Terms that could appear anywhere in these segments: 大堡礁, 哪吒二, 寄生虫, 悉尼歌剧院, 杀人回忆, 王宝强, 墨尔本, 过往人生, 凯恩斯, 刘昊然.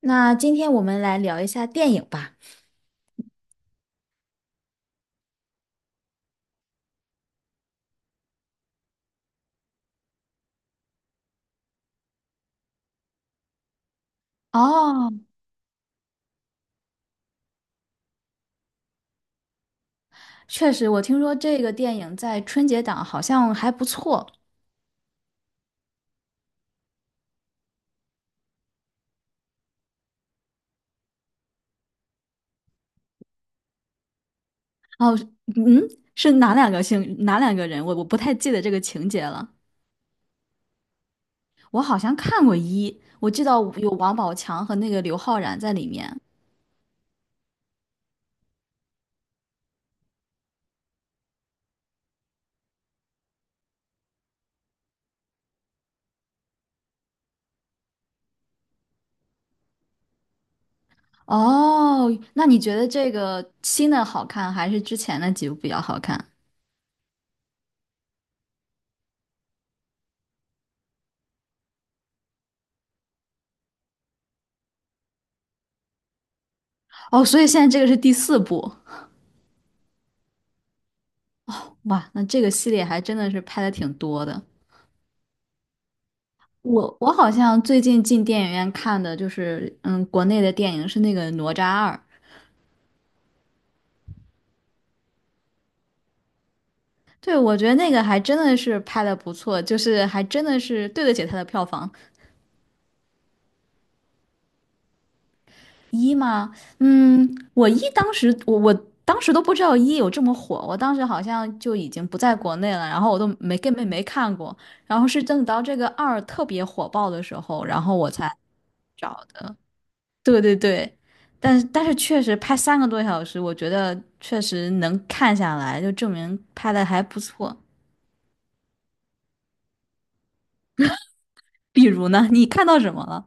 那今天我们来聊一下电影吧。哦，确实，我听说这个电影在春节档好像还不错。哦，嗯，是哪两个星，哪两个人？我不太记得这个情节了。我好像看过一，我记得有王宝强和那个刘昊然在里面。哦，那你觉得这个新的好看，还是之前的几部比较好看？哦，所以现在这个是第四部。哇，那这个系列还真的是拍的挺多的。我好像最近进电影院看的就是，国内的电影是那个《哪吒二》。对，我觉得那个还真的是拍的不错，就是还真的是对得起它的票房。一吗？嗯，我一当时我当时都不知道一有这么火，我当时好像就已经不在国内了，然后我都没根本没看过，然后是等到这个二特别火爆的时候，然后我才找的。对对对，但是确实拍三个多小时，我觉得确实能看下来，就证明拍的还不错。比如呢，你看到什么了？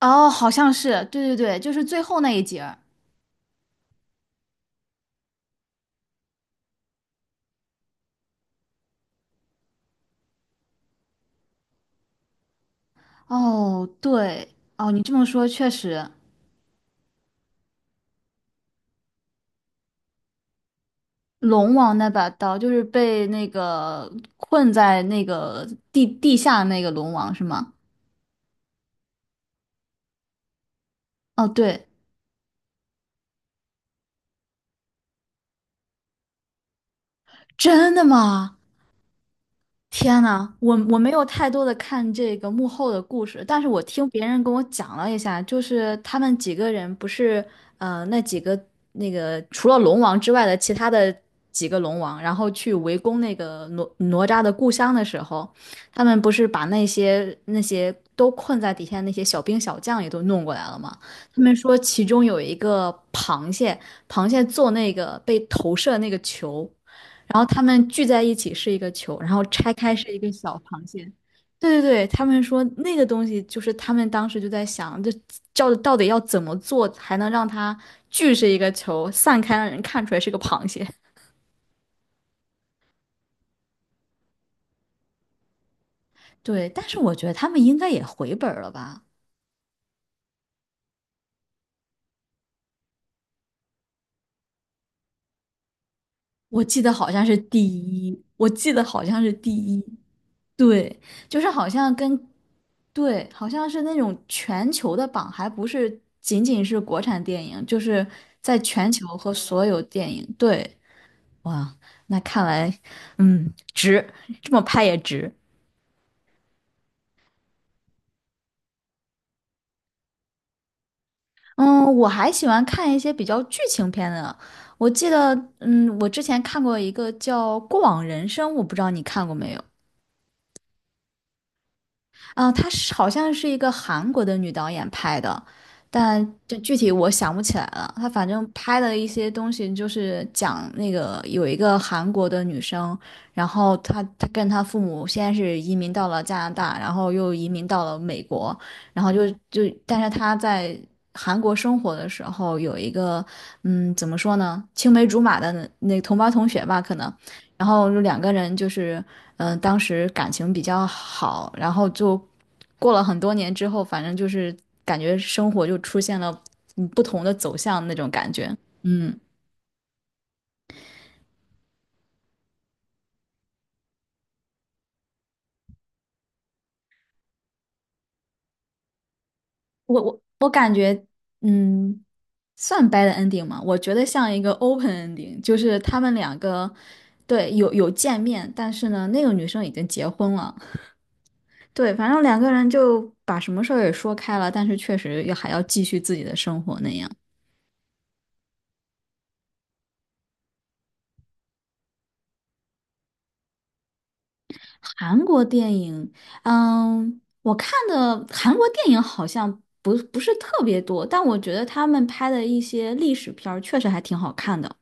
哦，好像是，对对对，就是最后那一节儿。哦，对，哦，你这么说确实。龙王那把刀就是被那个困在那个地下那个龙王是吗？哦，对，真的吗？天呐，我没有太多的看这个幕后的故事，但是我听别人跟我讲了一下，就是他们几个人不是那几个那个除了龙王之外的其他的几个龙王，然后去围攻那个哪吒的故乡的时候，他们不是把那些都困在底下那些小兵小将也都弄过来了吗？他们说其中有一个螃蟹，螃蟹做那个被投射那个球。然后他们聚在一起是一个球，然后拆开是一个小螃蟹。对对对，他们说那个东西就是他们当时就在想，这叫到底要怎么做才能让它聚是一个球，散开让人看出来是个螃蟹。对，但是我觉得他们应该也回本儿了吧？我记得好像是第一，我记得好像是第一。对，就是好像跟对，好像是那种全球的榜，还不是仅仅是国产电影，就是在全球和所有电影。对，哇，那看来，嗯，值，这么拍也值。嗯，我还喜欢看一些比较剧情片的。我记得，嗯，我之前看过一个叫《过往人生》，我不知道你看过没有。啊，她是好像是一个韩国的女导演拍的，但就具体我想不起来了。她反正拍的一些东西就是讲那个有一个韩国的女生，然后她跟她父母先是移民到了加拿大，然后又移民到了美国，然后就但是她在韩国生活的时候有一个怎么说呢，青梅竹马的那同班同学吧，可能。然后就两个人就是当时感情比较好，然后就过了很多年之后，反正就是感觉生活就出现了不同的走向那种感觉。嗯，我感觉嗯算 bad ending 吗？我觉得像一个 open ending,就是他们两个。对，有见面，但是呢，那个女生已经结婚了。对，反正两个人就把什么事儿也说开了，但是确实也还要继续自己的生活那样。韩国电影，嗯，我看的韩国电影好像不是特别多，但我觉得他们拍的一些历史片儿确实还挺好看的。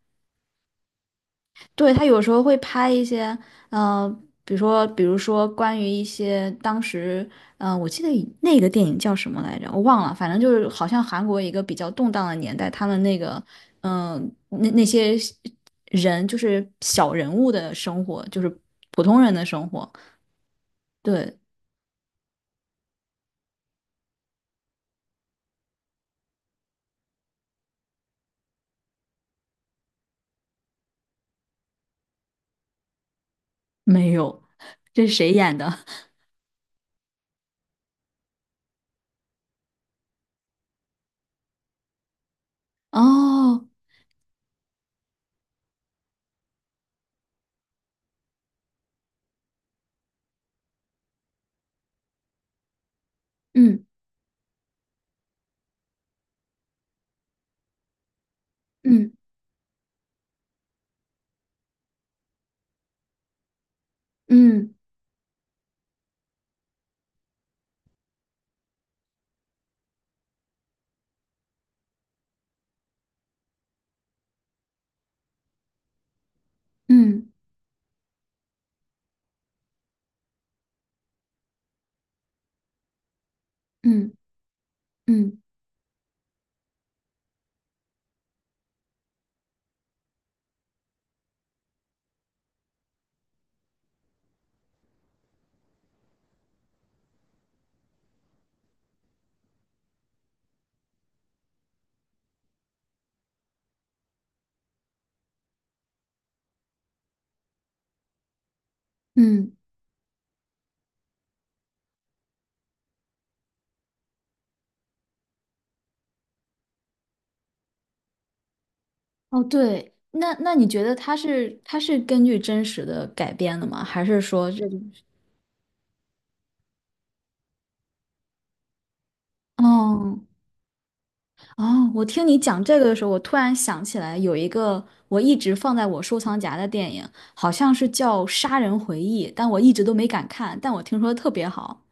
对，他有时候会拍一些，呃，比如说关于一些当时，嗯，我记得以那个电影叫什么来着，我忘了，反正就是好像韩国一个比较动荡的年代，他们那个，嗯、那些人就是小人物的生活，就是普通人的生活。对，没有，这是谁演的？哦，嗯嗯嗯嗯嗯嗯嗯，哦，对，那那你觉得它是它是根据真实的改编的吗？还是说这种？哦，哦，我听你讲这个的时候，我突然想起来有一个我一直放在我收藏夹的电影，好像是叫《杀人回忆》，但我一直都没敢看，但我听说特别好。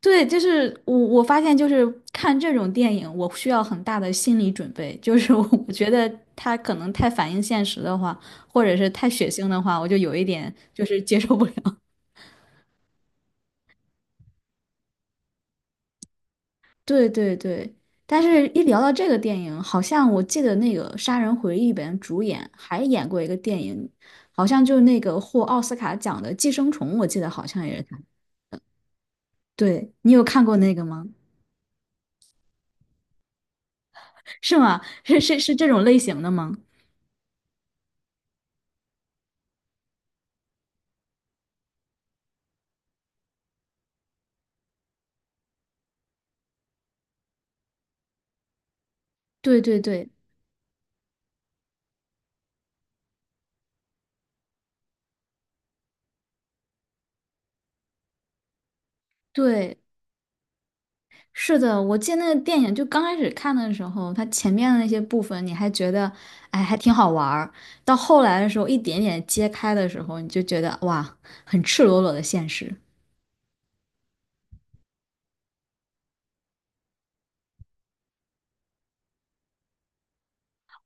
对，就是我发现就是看这种电影，我需要很大的心理准备。就是我我觉得它可能太反映现实的话，或者是太血腥的话，我就有一点就是接受不了。对对对，但是一聊到这个电影，好像我记得那个《杀人回忆》里边主演还演过一个电影，好像就那个获奥斯卡奖的《寄生虫》，我记得好像也是他。对，你有看过那个吗？是吗？是是是这种类型的吗？对对对对。是的，我记得那个电影，就刚开始看的时候，它前面的那些部分你还觉得，哎，还挺好玩儿。到后来的时候，一点点揭开的时候，你就觉得哇，很赤裸裸的现实。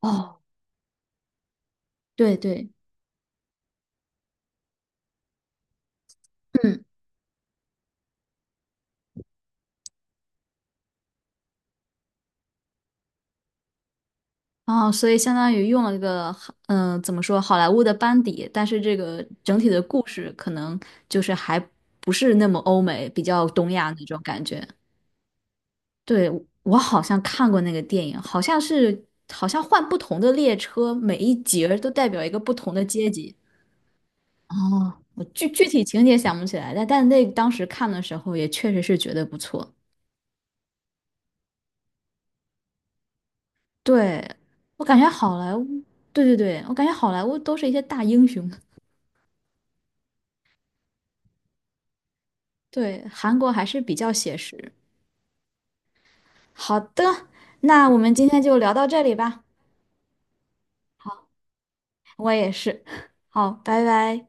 哦，对对，嗯，哦，所以相当于用了一个，怎么说，好莱坞的班底，但是这个整体的故事可能就是还不是那么欧美，比较东亚那种感觉。对，我好像看过那个电影，好像是好像换不同的列车，每一节儿都代表一个不同的阶级。哦，我具体情节想不起来，但但那当时看的时候也确实是觉得不错。对，我感觉好莱坞，对对对，我感觉好莱坞都是一些大英雄。对，韩国还是比较写实。好的，那我们今天就聊到这里吧。我也是。好，拜拜。